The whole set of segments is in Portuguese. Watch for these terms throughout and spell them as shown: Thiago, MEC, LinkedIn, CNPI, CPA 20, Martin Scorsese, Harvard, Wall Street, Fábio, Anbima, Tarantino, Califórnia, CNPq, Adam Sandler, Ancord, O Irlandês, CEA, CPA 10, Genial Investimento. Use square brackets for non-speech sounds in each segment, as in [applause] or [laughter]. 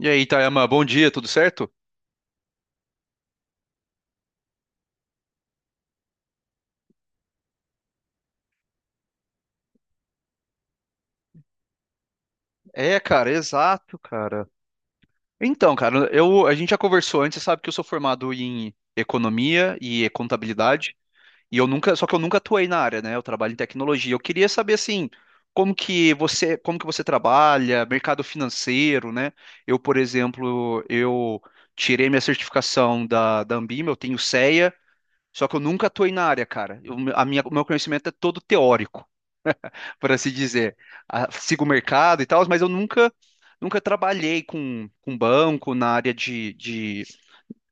E aí, Itayama, bom dia, tudo certo? É, cara, exato, cara. Então, cara, a gente já conversou antes. Você sabe que eu sou formado em economia e contabilidade, e eu nunca, só que eu nunca atuei na área, né? Eu trabalho em tecnologia. Eu queria saber assim, como que você, trabalha, mercado financeiro, né? Por exemplo, eu tirei minha certificação da Anbima. Eu tenho CEA, só que eu nunca atuei na área, cara. O meu conhecimento é todo teórico, por assim dizer. Ah, sigo o mercado e tal, mas eu nunca, nunca trabalhei com banco na área de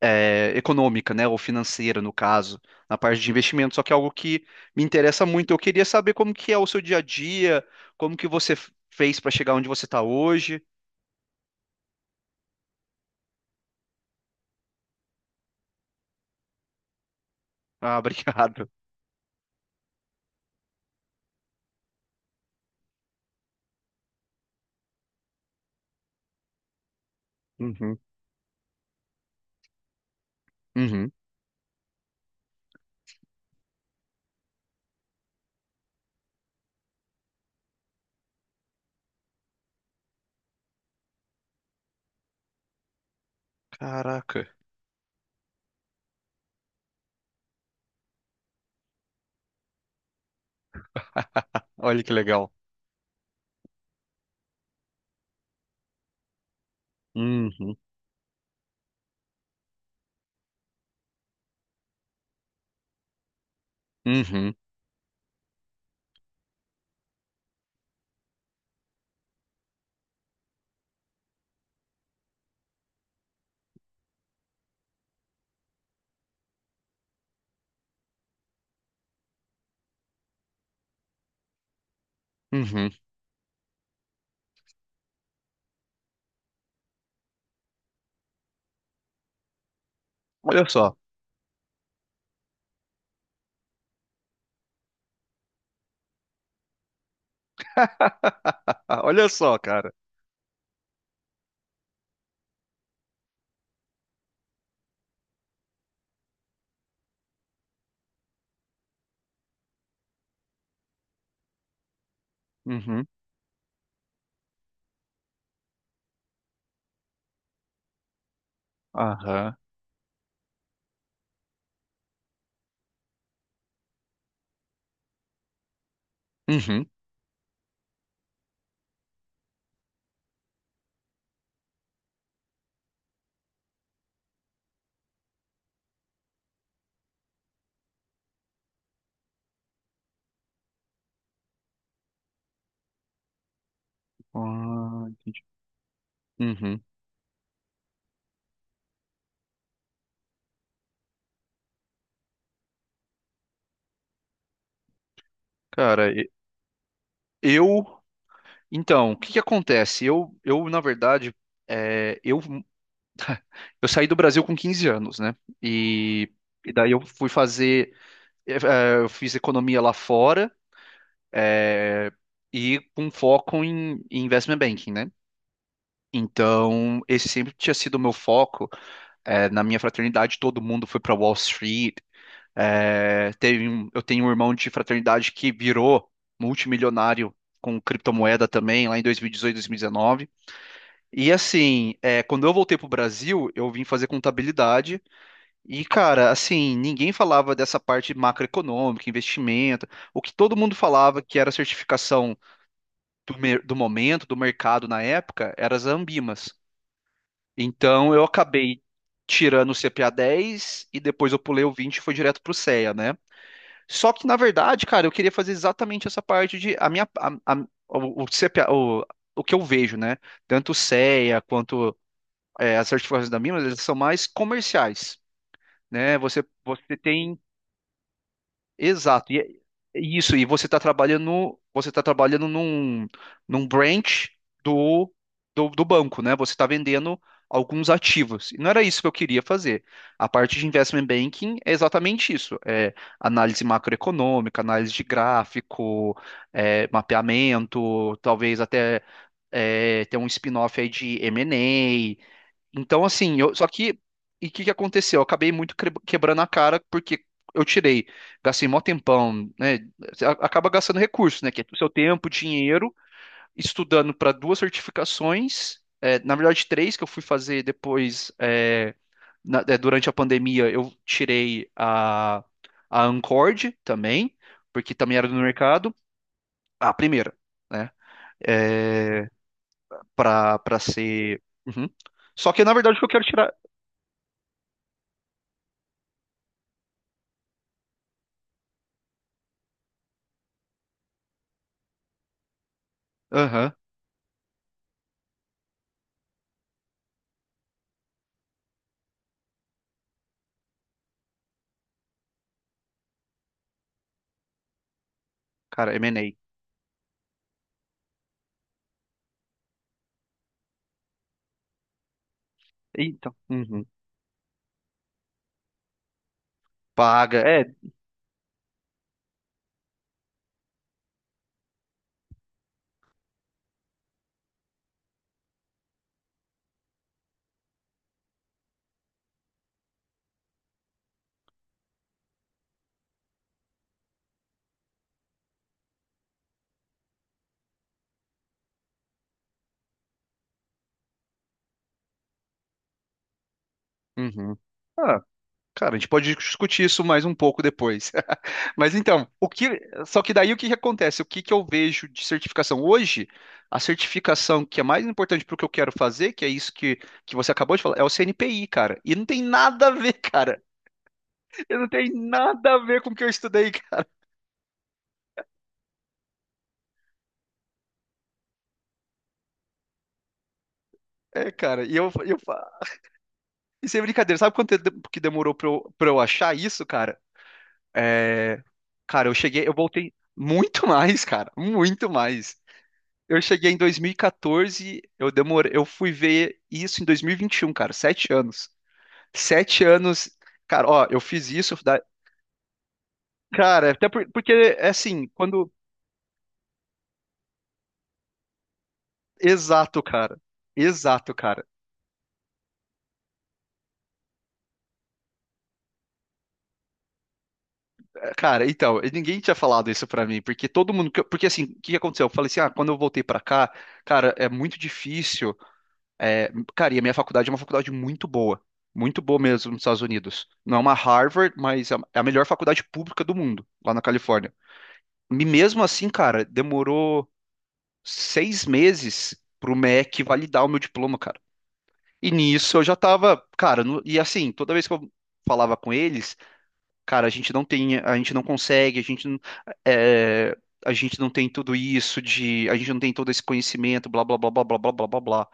eh, econômica, né? Ou financeira, no caso, na parte de investimento. Só que é algo que me interessa muito. Eu queria saber como que é o seu dia a dia, como que você f- fez para chegar onde você está hoje. Ah, [laughs] obrigado. Uhum, uhum. Caraca, olha que legal. Uhum, uhum, uhum. Olha só, [laughs] olha só, cara. Uhum, aham, uhum. Ah, entendi. Uhum. Cara, e- eu. Então, o que que acontece? Eu na verdade, é, eu, eu saí do Brasil com 15 anos, né? E, e daí eu fui fazer. Eu fiz economia lá fora, é, e com foco em investment banking, né? Então, esse sempre tinha sido o meu foco. É, na minha fraternidade, todo mundo foi para Wall Street. É, eu tenho um irmão de fraternidade que virou multimilionário com criptomoeda também, lá em 2018, 2019. E 18, 2019. E assim, quando eu voltei pro Brasil, eu vim fazer contabilidade. E, cara, assim, ninguém falava dessa parte macroeconômica, investimento. O que todo mundo falava que era certificação do momento, do mercado na época, eram as Ambimas. Então, eu acabei tirando o CPA 10 e depois eu pulei o 20 e foi direto pro CEA, né? Só que, na verdade, cara, eu queria fazer exatamente essa parte de a minha o, CPA o que eu vejo, né? Tanto o CEA quanto as certificações da Mimas, eles são mais comerciais, né? Você tem. Exato. E isso, e você está trabalhando. Você está trabalhando num branch do, do banco, né? Você está vendendo alguns ativos. E não era isso que eu queria fazer. A parte de investment banking é exatamente isso. É análise macroeconômica, análise de gráfico, mapeamento, talvez até ter um spin-off aí de M&A. Então, assim, só que. E o que que aconteceu? Eu acabei muito quebrando a cara porque eu tirei, gastei mó tempão, né? Acaba gastando recursos, né? Que é o seu tempo, dinheiro, estudando para duas certificações, na verdade, três que eu fui fazer depois. Durante a pandemia, eu tirei a Ancord também, porque também era do mercado, a primeira, né? É, para ser. Uhum. Só que, na verdade, o que eu quero tirar. Aham. Cara, M&A. Então. Uhum. Paga. É. Uhum. Ah, cara, a gente pode discutir isso mais um pouco depois. [laughs] Mas então, só que daí o que que acontece? O que que eu vejo de certificação hoje? A certificação que é mais importante para o que eu quero fazer, que é isso que você acabou de falar, é o CNPI, cara. E não tem nada a ver, [laughs] cara. Eu não tenho nada a ver com o que eu estudei, [laughs] cara. É, cara. E isso é brincadeira. Sabe quanto tempo que demorou pra eu achar isso, cara? É, cara. Eu voltei muito [laughs] mais, cara, muito mais. Eu cheguei em 2014, eu demorei, eu fui ver isso em dois mil e vinte e um, cara, 7 anos. 7 anos, cara, ó, eu fiz isso. Cara, até porque é assim. Exato, cara, exato, cara. É, cara. Então, e ninguém tinha falado isso pra mim, porque todo mundo, porque assim. O que que aconteceu? Eu falei assim, ah, quando eu voltei pra cá, cara, é muito difícil. É, cara, e a minha faculdade é uma faculdade muito boa. Muito boa mesmo nos Estados Unidos. Não é uma Harvard, mas é a melhor faculdade pública do mundo, lá na Califórnia. E mesmo assim, cara, demorou 6 meses pro MEC validar o meu diploma, cara. E nisso eu já tava, cara, e assim, toda vez que eu falava com eles, cara, a gente não tem, a gente não consegue, é, a gente não tem tudo isso de, a gente não tem todo esse conhecimento, blá, blá, blá, blá, blá, blá, blá, blá, blá.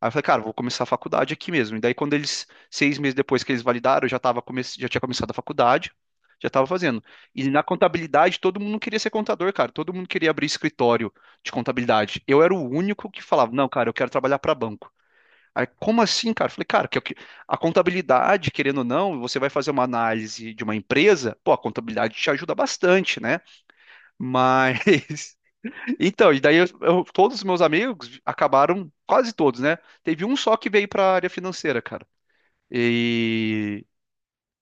Aí eu falei, cara, vou começar a faculdade aqui mesmo. E daí, quando eles, 6 meses depois que eles validaram, eu já tava já tinha começado a faculdade, já tava fazendo. E na contabilidade, todo mundo queria ser contador, cara. Todo mundo queria abrir escritório de contabilidade. Eu era o único que falava, não, cara, eu quero trabalhar para banco. Aí, como assim, cara? Eu falei, cara, que é o que- a contabilidade, querendo ou não, você vai fazer uma análise de uma empresa, pô, a contabilidade te ajuda bastante, né? [laughs] Mas então, e daí todos os meus amigos acabaram, quase todos, né? Teve um só que veio para área financeira, cara. E,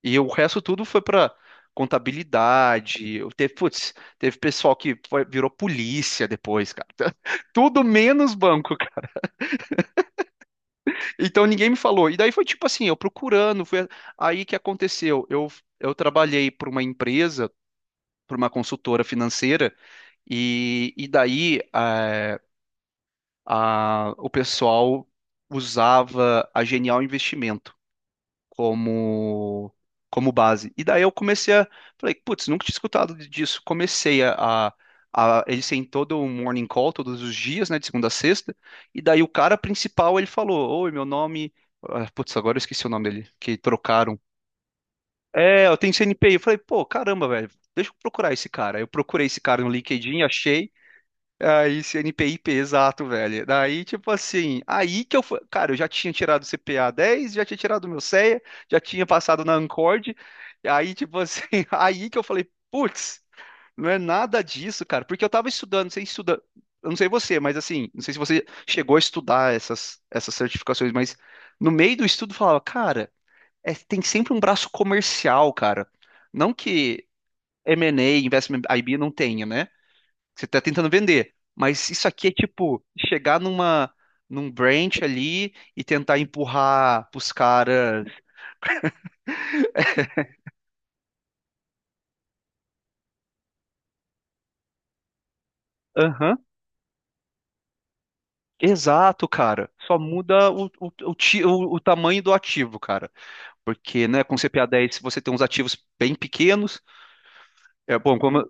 e o resto tudo foi para contabilidade. Putz, teve pessoal que virou polícia depois, cara. [laughs] Tudo menos banco, cara. Então ninguém me falou. E daí foi tipo assim, eu procurando, foi aí que aconteceu. Eu trabalhei para uma empresa, para uma consultora financeira. E daí, o pessoal usava a Genial Investimento como, como base. E daí eu comecei a. Falei, putz, nunca tinha escutado disso. Comecei a. a Eles têm todo um morning call todos os dias, né, de segunda a sexta, e daí o cara principal ele falou: Oi, meu nome. Ah, putz, agora eu esqueci o nome dele, que trocaram. É, eu tenho CNPq. Eu falei, pô, caramba, velho, deixa eu procurar esse cara. Eu procurei esse cara no LinkedIn, achei. Aí, esse NPIP, exato, velho. Daí, tipo assim, aí que eu fui. Cara, eu já tinha tirado o CPA dez, já tinha tirado o meu CEA, já tinha passado na Ancord. Aí, tipo assim, [laughs] aí que eu falei, putz, não é nada disso, cara. Porque eu tava estudando, você estuda. Eu não sei você, mas assim, não sei se você chegou a estudar essas, certificações. Mas no meio do estudo eu falava, cara, tem sempre um braço comercial, cara. Não que M&A, Investment IB não tenha, né? Você tá tentando vender. Mas isso aqui é tipo chegar num branch ali e tentar empurrar pros caras. Aham. Exato, cara. Só muda o tamanho do ativo, cara. Porque, né, com CPA 10 se você tem uns ativos bem pequenos, é bom, como.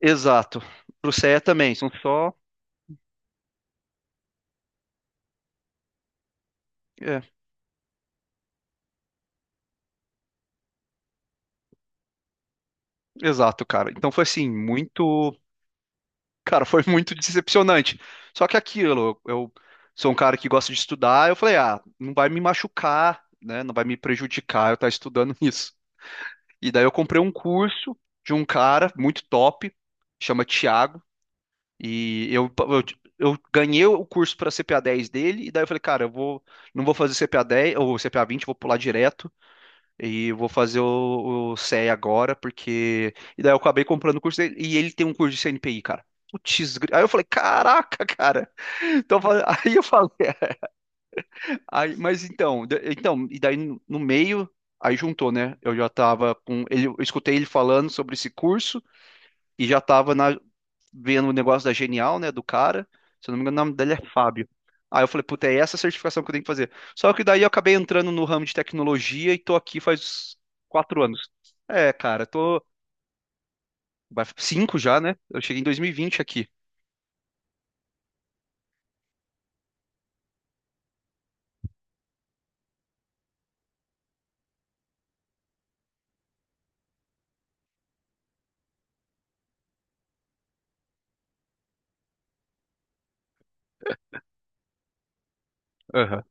Exato. Pro CE também, são só. É, exato, cara. Então foi assim, muito. Cara, foi muito decepcionante. Só que aquilo, eu sou um cara que gosta de estudar, eu falei, ah, não vai me machucar, né? Não vai me prejudicar eu estar estudando [laughs] isso. E daí eu comprei um curso de um cara muito top, chama Thiago. E eu ganhei o curso para CPA 10 dele, e daí eu falei, cara, não vou fazer CPA 10 ou CPA 20, vou pular direto. E eu vou fazer o CE agora, porque. E daí eu acabei comprando o curso dele. E ele tem um curso de CNPI, cara. Putz, aí eu falei, caraca, [laughs] cara. Então, [laughs] aí eu falei, aí, mas então, então, e daí no meio, aí juntou, né? Eu já tava com. Ele, eu escutei ele falando sobre esse curso e já tava vendo o negócio da Genial, né, do cara. Se eu não me engano, o nome dele é Fábio. Aí eu falei, puta, é essa certificação que eu tenho que fazer. Só que daí eu acabei entrando no ramo de tecnologia e tô aqui faz 4 anos. É, cara, tô. Cinco já, né? Eu cheguei em 2020 aqui. Aham.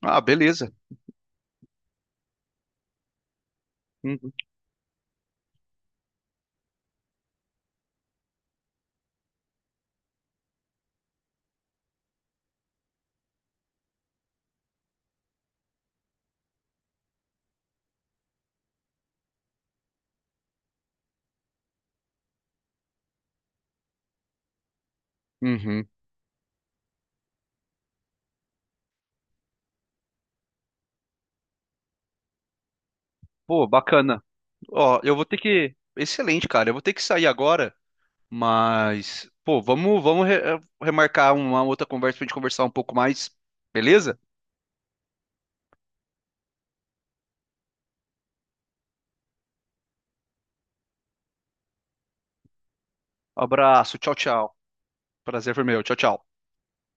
Ah, beleza. Uhum. Uhum. Pô, bacana. Ó, eu vou ter que. Excelente, cara. Eu vou ter que sair agora, mas. Pô, vamos remarcar uma outra conversa pra gente conversar um pouco mais. Beleza? Abraço. Tchau, tchau. Prazer foi meu. Tchau, tchau.